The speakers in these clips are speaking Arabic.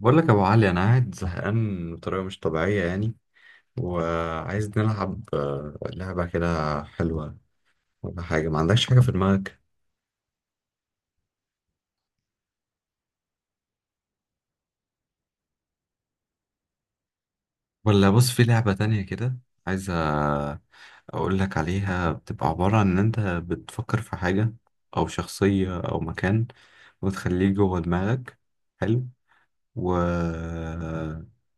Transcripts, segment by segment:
بقول لك يا ابو علي، انا قاعد زهقان بطريقه مش طبيعيه يعني. وعايز نلعب، لعبه كده حلوه. ولا حاجه؟ ما عندكش حاجه في دماغك؟ ولا بص، في لعبه تانية كده عايز. اقول لك عليها. بتبقى عباره عن ان انت بتفكر في حاجه او شخصيه او مكان وتخليه جوه دماغك. حلو. و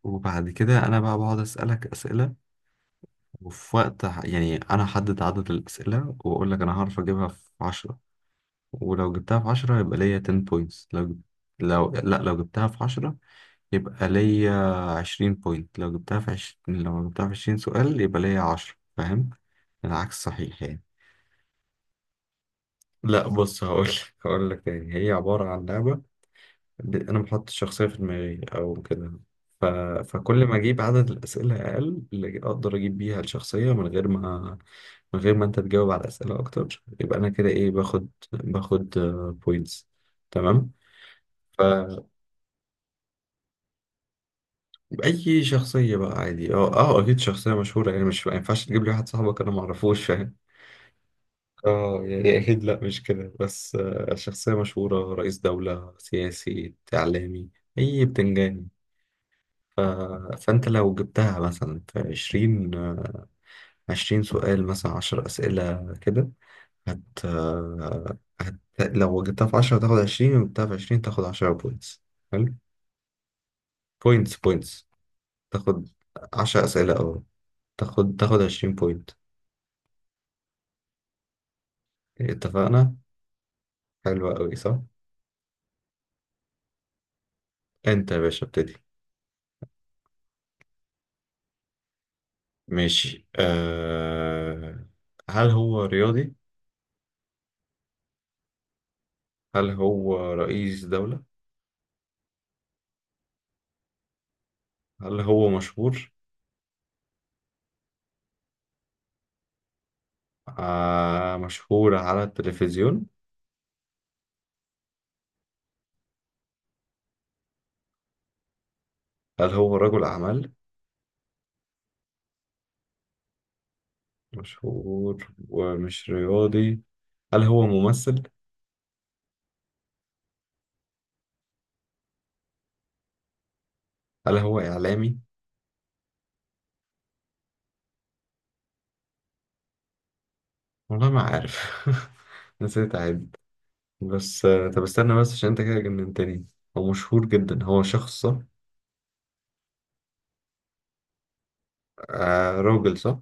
وبعد كده انا بقى بقعد اسالك اسئله. وفي وقت يعني انا احدد عدد الاسئله، واقول لك انا هعرف اجيبها في 10. ولو جبتها في عشرة يبقى ليا 10 بوينتس. لو لا لو جبتها في عشرة يبقى ليا 20 بوينت. لو جبتها في 20 سؤال يبقى ليا 10. فاهم؟ العكس صحيح يعني. لا بص، هقول لك تاني، هي عبارة عن لعبة. أنا بحط الشخصية في دماغي أو كده. ف... فكل ما أجيب عدد الأسئلة أقل، اللي أقدر أجيب بيها الشخصية من غير ما أنت تجاوب على أسئلة أكتر، يبقى أنا كده إيه، باخد بوينتس. تمام. اي شخصيه بقى عادي، اكيد شخصيه مشهوره يعني، مش ما ينفعش تجيب لي واحد صاحبك انا ما اعرفوش، فاهم؟ اه يعني اكيد. لا مش كده، بس شخصيه مشهوره، رئيس دوله، سياسي، اعلامي. اي بتنجاني. ف... فانت لو جبتها مثلا في 20، 20 سؤال، مثلا 10 اسئله كده. هت... آه، هت لو جبتها في 10 تاخد 20، لو جبتها في 20 تاخد 10 بوينتس. حلو. بوينتس تاخد. 10 اسئله، تاخد 20 بوينت. إيه، اتفقنا. حلوة أوي صح. أنت يا باشا ابتدي. ماشي. هل هو رياضي؟ هل هو رئيس دولة؟ هل هو مشهور؟ مشهور على التلفزيون؟ هل هو رجل أعمال؟ مشهور ومش رياضي. هل هو ممثل؟ هل هو إعلامي؟ والله ما عارف. نسيت أعد. بس، طب استنى بس عشان أنت كده جننتني. هو مشهور جدا، هو شخص صح؟ آه راجل صح؟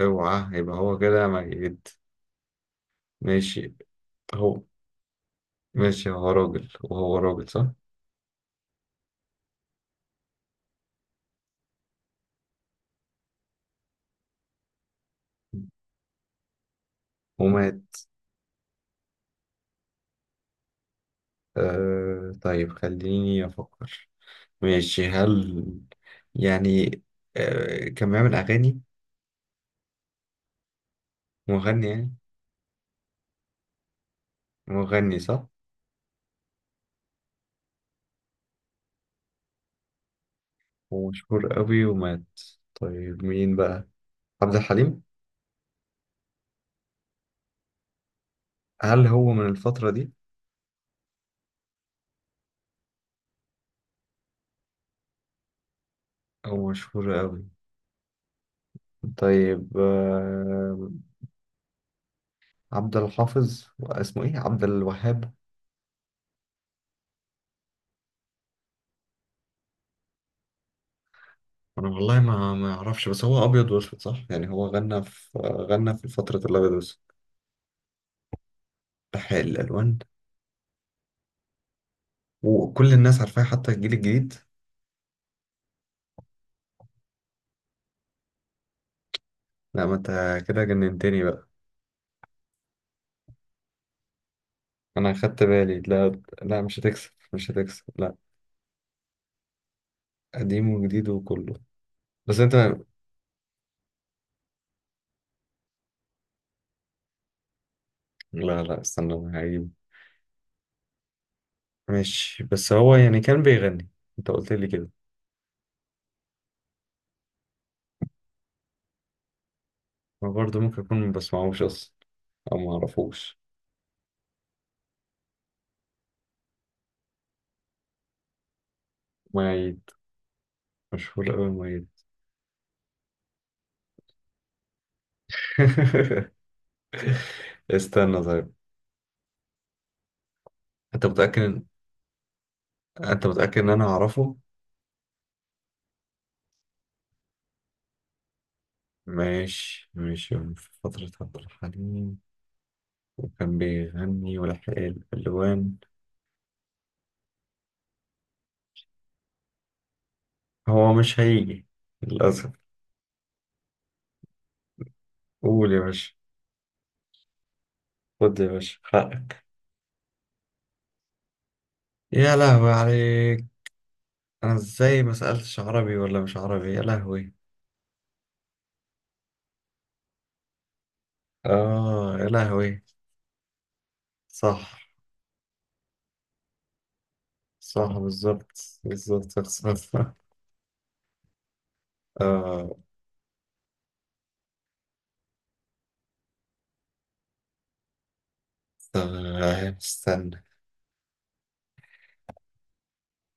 اوعى يبقى هو كده ميت. ماشي. هو ماشي، هو راجل وهو راجل صح؟ ومات. طيب خليني أفكر. ماشي. يعني، كان بيعمل أغاني؟ مغني يعني. مغني صح؟ ومشهور قوي ومات. طيب مين بقى؟ عبد الحليم؟ هل هو من الفترة دي؟ أو مشهور قوي؟ طيب، عبد الحافظ، اسمه إيه، عبد الوهاب؟ انا والله ما اعرفش، بس هو ابيض واسود صح؟ يعني هو غنى في فتره الابيض واسود. بحق الالوان. وكل الناس عارفاه حتى الجيل الجديد. لا، ما انت كده جننتني بقى. انا خدت بالي. لا لا، مش هتكسب، مش هتكسب لا. قديم وجديد وكله. بس انت. لا لا استنى، انا هجيبه. ماشي، بس هو يعني كان بيغني، انت قلت لي كده. انا برضه ممكن اكون ما بسمعوش اصلا، او ما اعرفوش. مؤيد؟ مشهور قوي مؤيد؟ استنى طيب. انت متأكد انت متأكد ان انا اعرفه؟ ماشي، ماشي. في فترة عبد الحليم وكان بيغني ولحق الالوان. هو مش هيجي للاسف. قول يا باشا. خد يا باشا حقك. يا لهوي عليك. انا ازاي ما سألتش عربي ولا مش عربي؟ يا لهوي. اه يا لهوي. صح. صح بالظبط، بالظبط صح. اه طب استنى.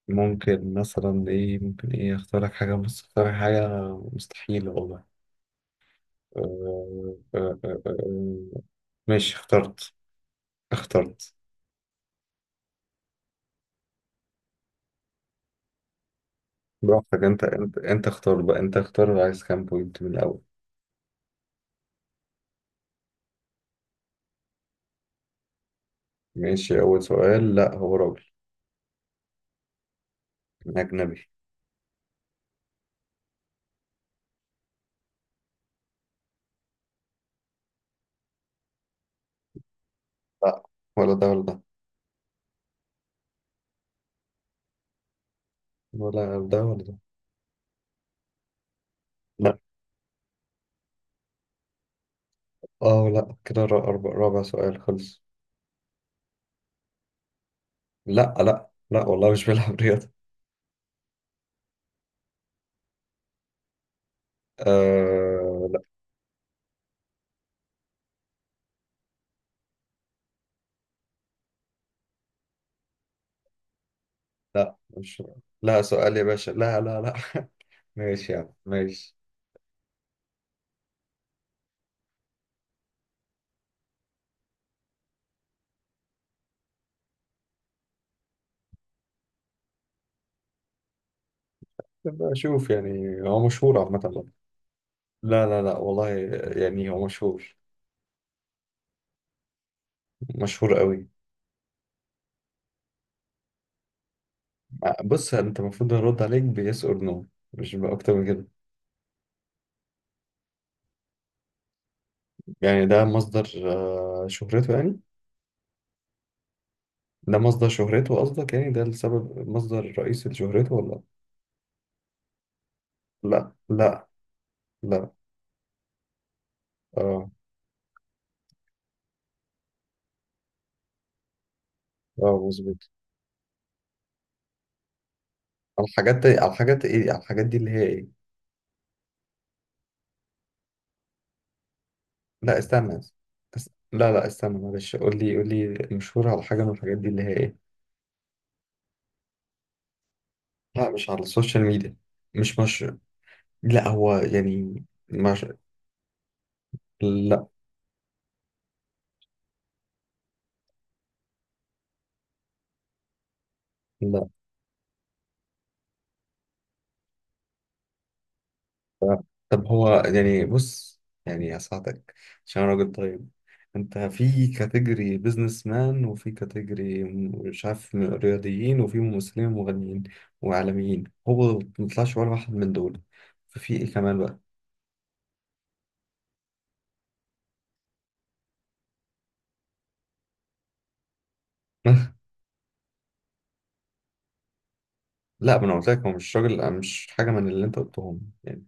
ممكن مثلا ايه، ممكن ايه، اختار لك حاجة مستحيلة والله. آه، آه، آه، آه. آه. ماشي، اخترت. اخترت. براحتك، انت اختار بقى، انت اختار عايز كام بوينت من الاول. ماشي، اول سؤال. لا، هو راجل. اجنبي. لا، ولا ده ولا ده، ولا ده ولا ده. لا اه لا كده، رابع سؤال خلص. لا لا لا والله، مش بيلعب رياضة. آه لا، لا مش، لا سؤال يا باشا، لا لا لا. ماشي يا عم ماشي. نبقى اشوف، يعني هو مشهور عامة. لا لا لا والله. يعني هو مشهور، مشهور قوي. بص، انت المفروض ارد عليك بيس اور نو، مش اكتر من كده. يعني ده مصدر شهرته يعني. ده مصدر شهرته قصدك، يعني ده السبب مصدر رئيسي لشهرته ولا؟ لا لا. لا، اه اه، مظبوط. على الحاجات دي، على الحاجات دي اللي هي ايه؟ لا استنى لا لا استنى، معلش، قول لي مشهور على حاجة من الحاجات دي اللي هي ايه؟ لا، مش على السوشيال ميديا. مش مش لا هو يعني، لا لا لا. طب هو، يعني بص، يعني هساعدك. عشان أنا راجل طيب، انت في كاتيجوري بيزنس مان، وفي كاتيجوري مش عارف رياضيين، وفي ممثلين ومغنيين وإعلاميين، هو ما طلعش ولا واحد من دول. ففي ايه كمان بقى؟ لا، ما انا قلت لك هو مش راجل، مش حاجة من اللي انت قلتهم يعني.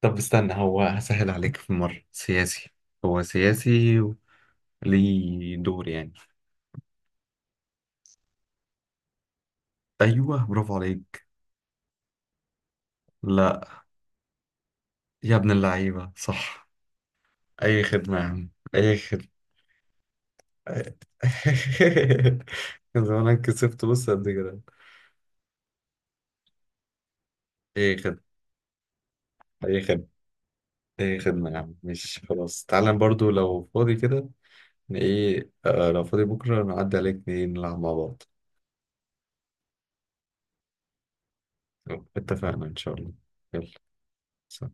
طب استنى، هو هسهل عليك في مرة. سياسي، هو سياسي ليه دور يعني. ايوه، برافو عليك. لا. يا ابن اللعيبة، صح. اي خدمة يا عم، اي خدمة. كان زمانك كسبت، بص، قد كده. اي خدمة، اي خدمة، اي خدمة يا عم. مش خلاص، تعالى برضو لو فاضي كده. ايه، لو فاضي بكرة نعدي عليك نلعب مع بعض. اتفقنا ان شاء الله. يلا. سلام.